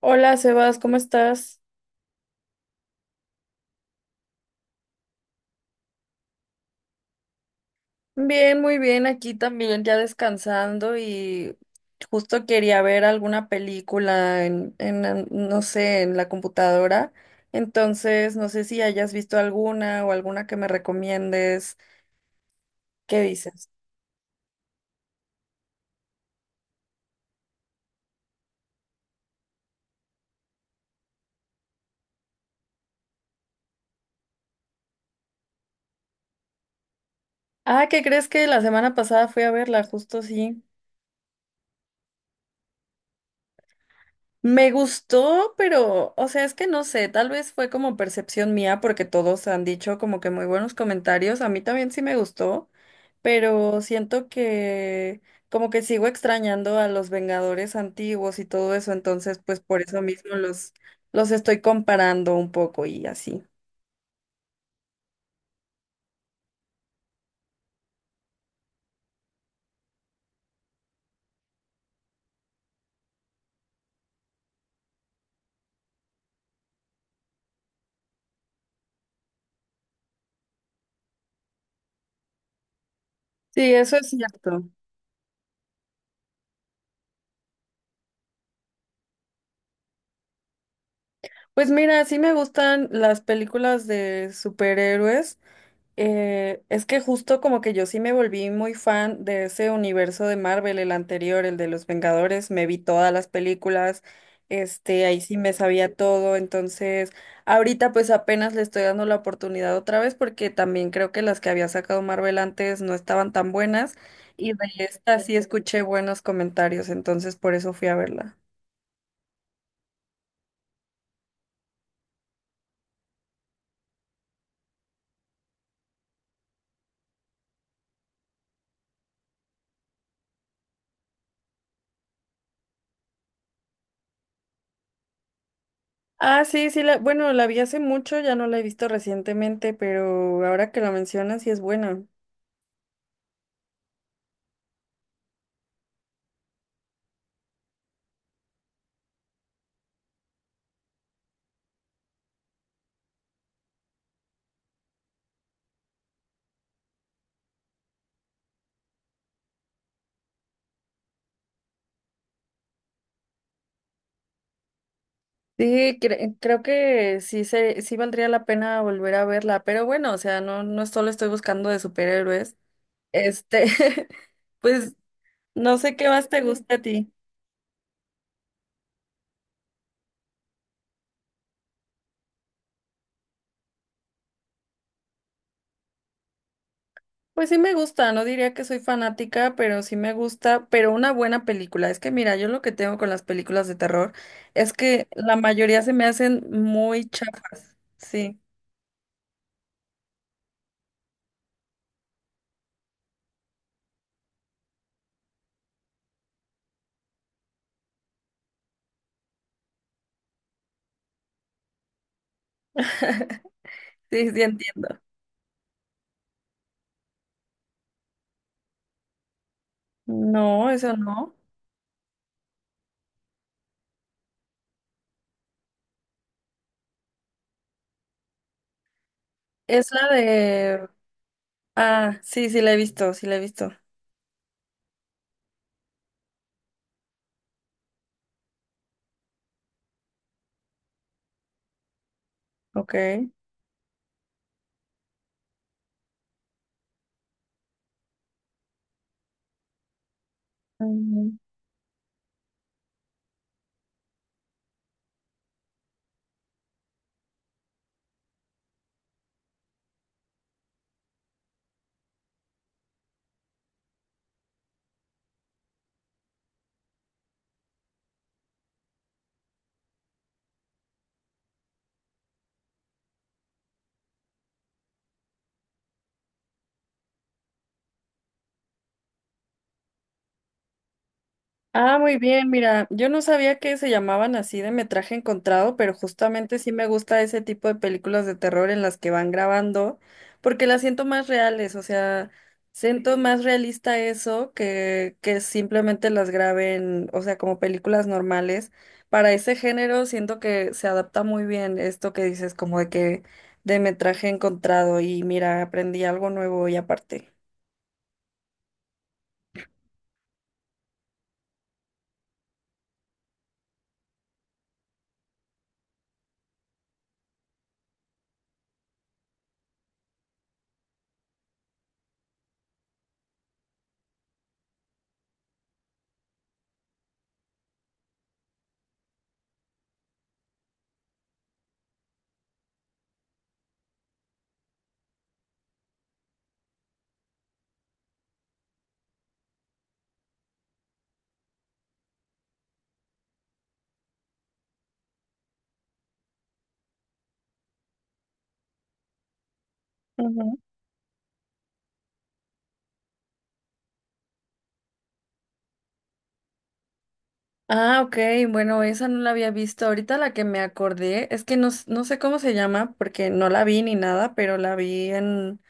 Hola Sebas, ¿cómo estás? Bien, muy bien, aquí también ya descansando y justo quería ver alguna película no sé, en la computadora. Entonces, no sé si hayas visto alguna o alguna que me recomiendes. ¿Qué dices? Ah, ¿qué crees que la semana pasada fui a verla? Justo sí. Me gustó, pero, o sea, es que no sé, tal vez fue como percepción mía porque todos han dicho como que muy buenos comentarios, a mí también sí me gustó, pero siento que como que sigo extrañando a los Vengadores antiguos y todo eso, entonces pues por eso mismo los estoy comparando un poco y así. Sí, eso es cierto. Pues mira, sí me gustan las películas de superhéroes. Es que justo como que yo sí me volví muy fan de ese universo de Marvel, el anterior, el de los Vengadores, me vi todas las películas, ahí sí me sabía todo, entonces ahorita pues apenas le estoy dando la oportunidad otra vez porque también creo que las que había sacado Marvel antes no estaban tan buenas y de esta sí escuché buenos comentarios, entonces por eso fui a verla. Ah, sí, sí, la, bueno, la vi hace mucho, ya no la he visto recientemente, pero ahora que la mencionas sí es buena. Sí, creo que sí se, sí valdría la pena volver a verla, pero bueno, o sea, no, no solo estoy buscando de superhéroes. Este, pues no sé qué más te gusta a ti. Pues sí me gusta, no diría que soy fanática, pero sí me gusta, pero una buena película. Es que mira, yo lo que tengo con las películas de terror es que la mayoría se me hacen muy chafas. Sí, sí, sí entiendo. No, eso no. Es la de... Ah, sí, sí la he visto, sí la he visto. Ok. Mm. Ah, muy bien, mira, yo no sabía que se llamaban así de metraje encontrado, pero justamente sí me gusta ese tipo de películas de terror en las que van grabando, porque las siento más reales, o sea, siento más realista eso que simplemente las graben, o sea, como películas normales. Para ese género siento que se adapta muy bien esto que dices, como de que de metraje encontrado, y mira, aprendí algo nuevo y aparte. Ah, ok, bueno, esa no la había visto. Ahorita la que me acordé es que no, no sé cómo se llama porque no la vi ni nada, pero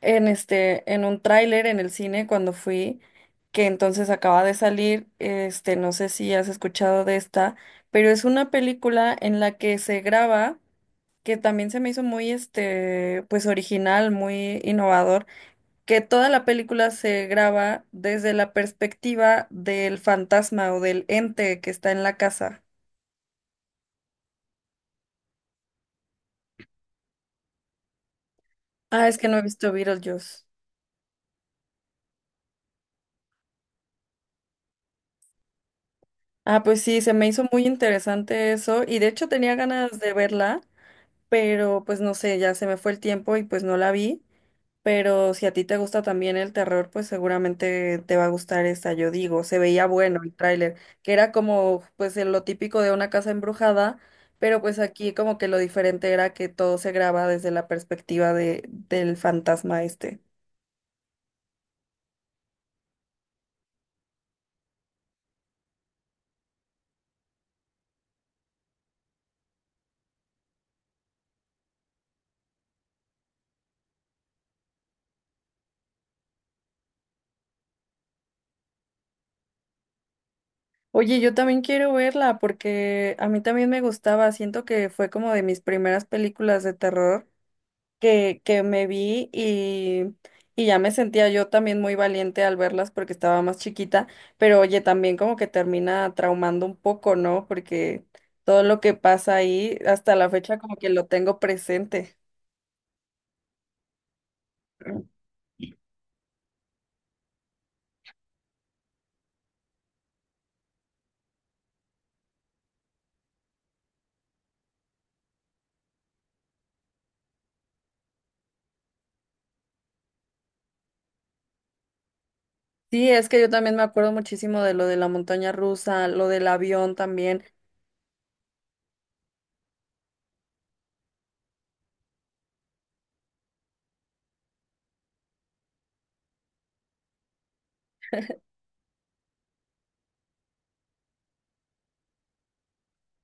en en un tráiler en el cine cuando fui, que entonces acaba de salir, no sé si has escuchado de esta, pero es una película en la que se graba, que también se me hizo muy, pues original, muy innovador que toda la película se graba desde la perspectiva del fantasma o del ente que está en la casa. Ah, es que no he visto Beetlejuice. Ah, pues sí, se me hizo muy interesante eso y de hecho tenía ganas de verla, pero pues no sé, ya se me fue el tiempo y pues no la vi. Pero si a ti te gusta también el terror, pues seguramente te va a gustar esta, yo digo. Se veía bueno el tráiler, que era como pues en lo típico de una casa embrujada, pero pues aquí como que lo diferente era que todo se graba desde la perspectiva de, del fantasma este. Oye, yo también quiero verla porque a mí también me gustaba, siento que fue como de mis primeras películas de terror que me vi y ya me sentía yo también muy valiente al verlas porque estaba más chiquita, pero oye, también como que termina traumando un poco, ¿no? Porque todo lo que pasa ahí, hasta la fecha como que lo tengo presente. Sí, es que yo también me acuerdo muchísimo de lo de la montaña rusa, lo del avión también.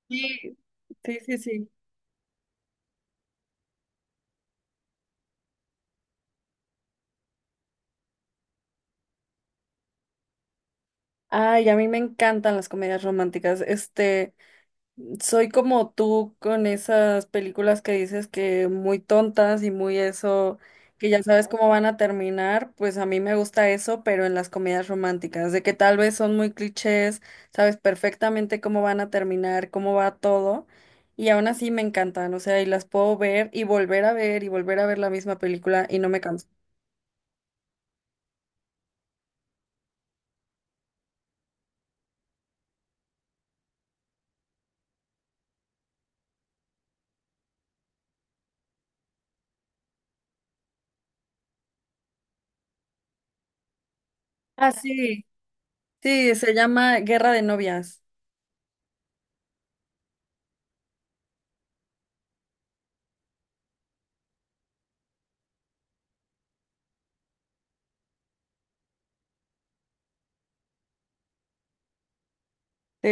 Sí, sí, sí, sí. Ay, a mí me encantan las comedias románticas. Soy como tú con esas películas que dices que muy tontas y muy eso, que ya sabes cómo van a terminar, pues a mí me gusta eso, pero en las comedias románticas, de que tal vez son muy clichés, sabes perfectamente cómo van a terminar, cómo va todo, y aún así me encantan, o sea, y las puedo ver y volver a ver y volver a ver la misma película y no me canso. Ah, sí, sí, se llama Guerra de Novias. Sí,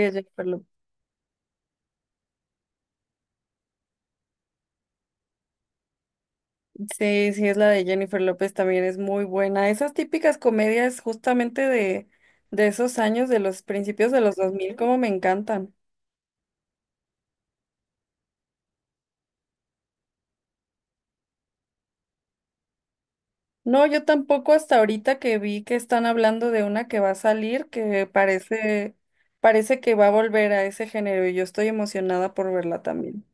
Sí, sí, es la de Jennifer López, también es muy buena. Esas típicas comedias justamente de esos años, de los principios de los 2000 como me encantan. No, yo tampoco hasta ahorita que vi que están hablando de una que va a salir, que parece, parece que va a volver a ese género y yo estoy emocionada por verla también.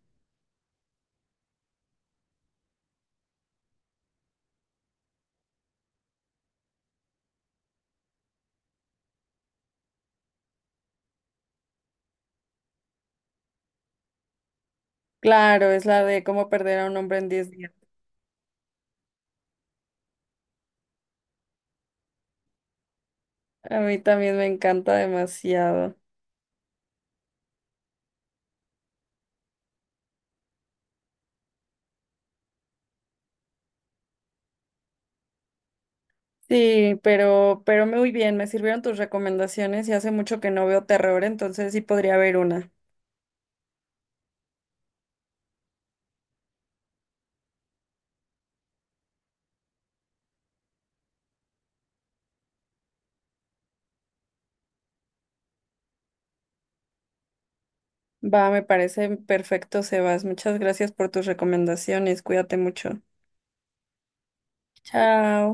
Claro, es la de cómo perder a un hombre en 10 días. A mí también me encanta demasiado. Sí, pero muy bien, me sirvieron tus recomendaciones y hace mucho que no veo terror, entonces sí podría haber una. Va, me parece perfecto, Sebas. Muchas gracias por tus recomendaciones. Cuídate mucho. Chao.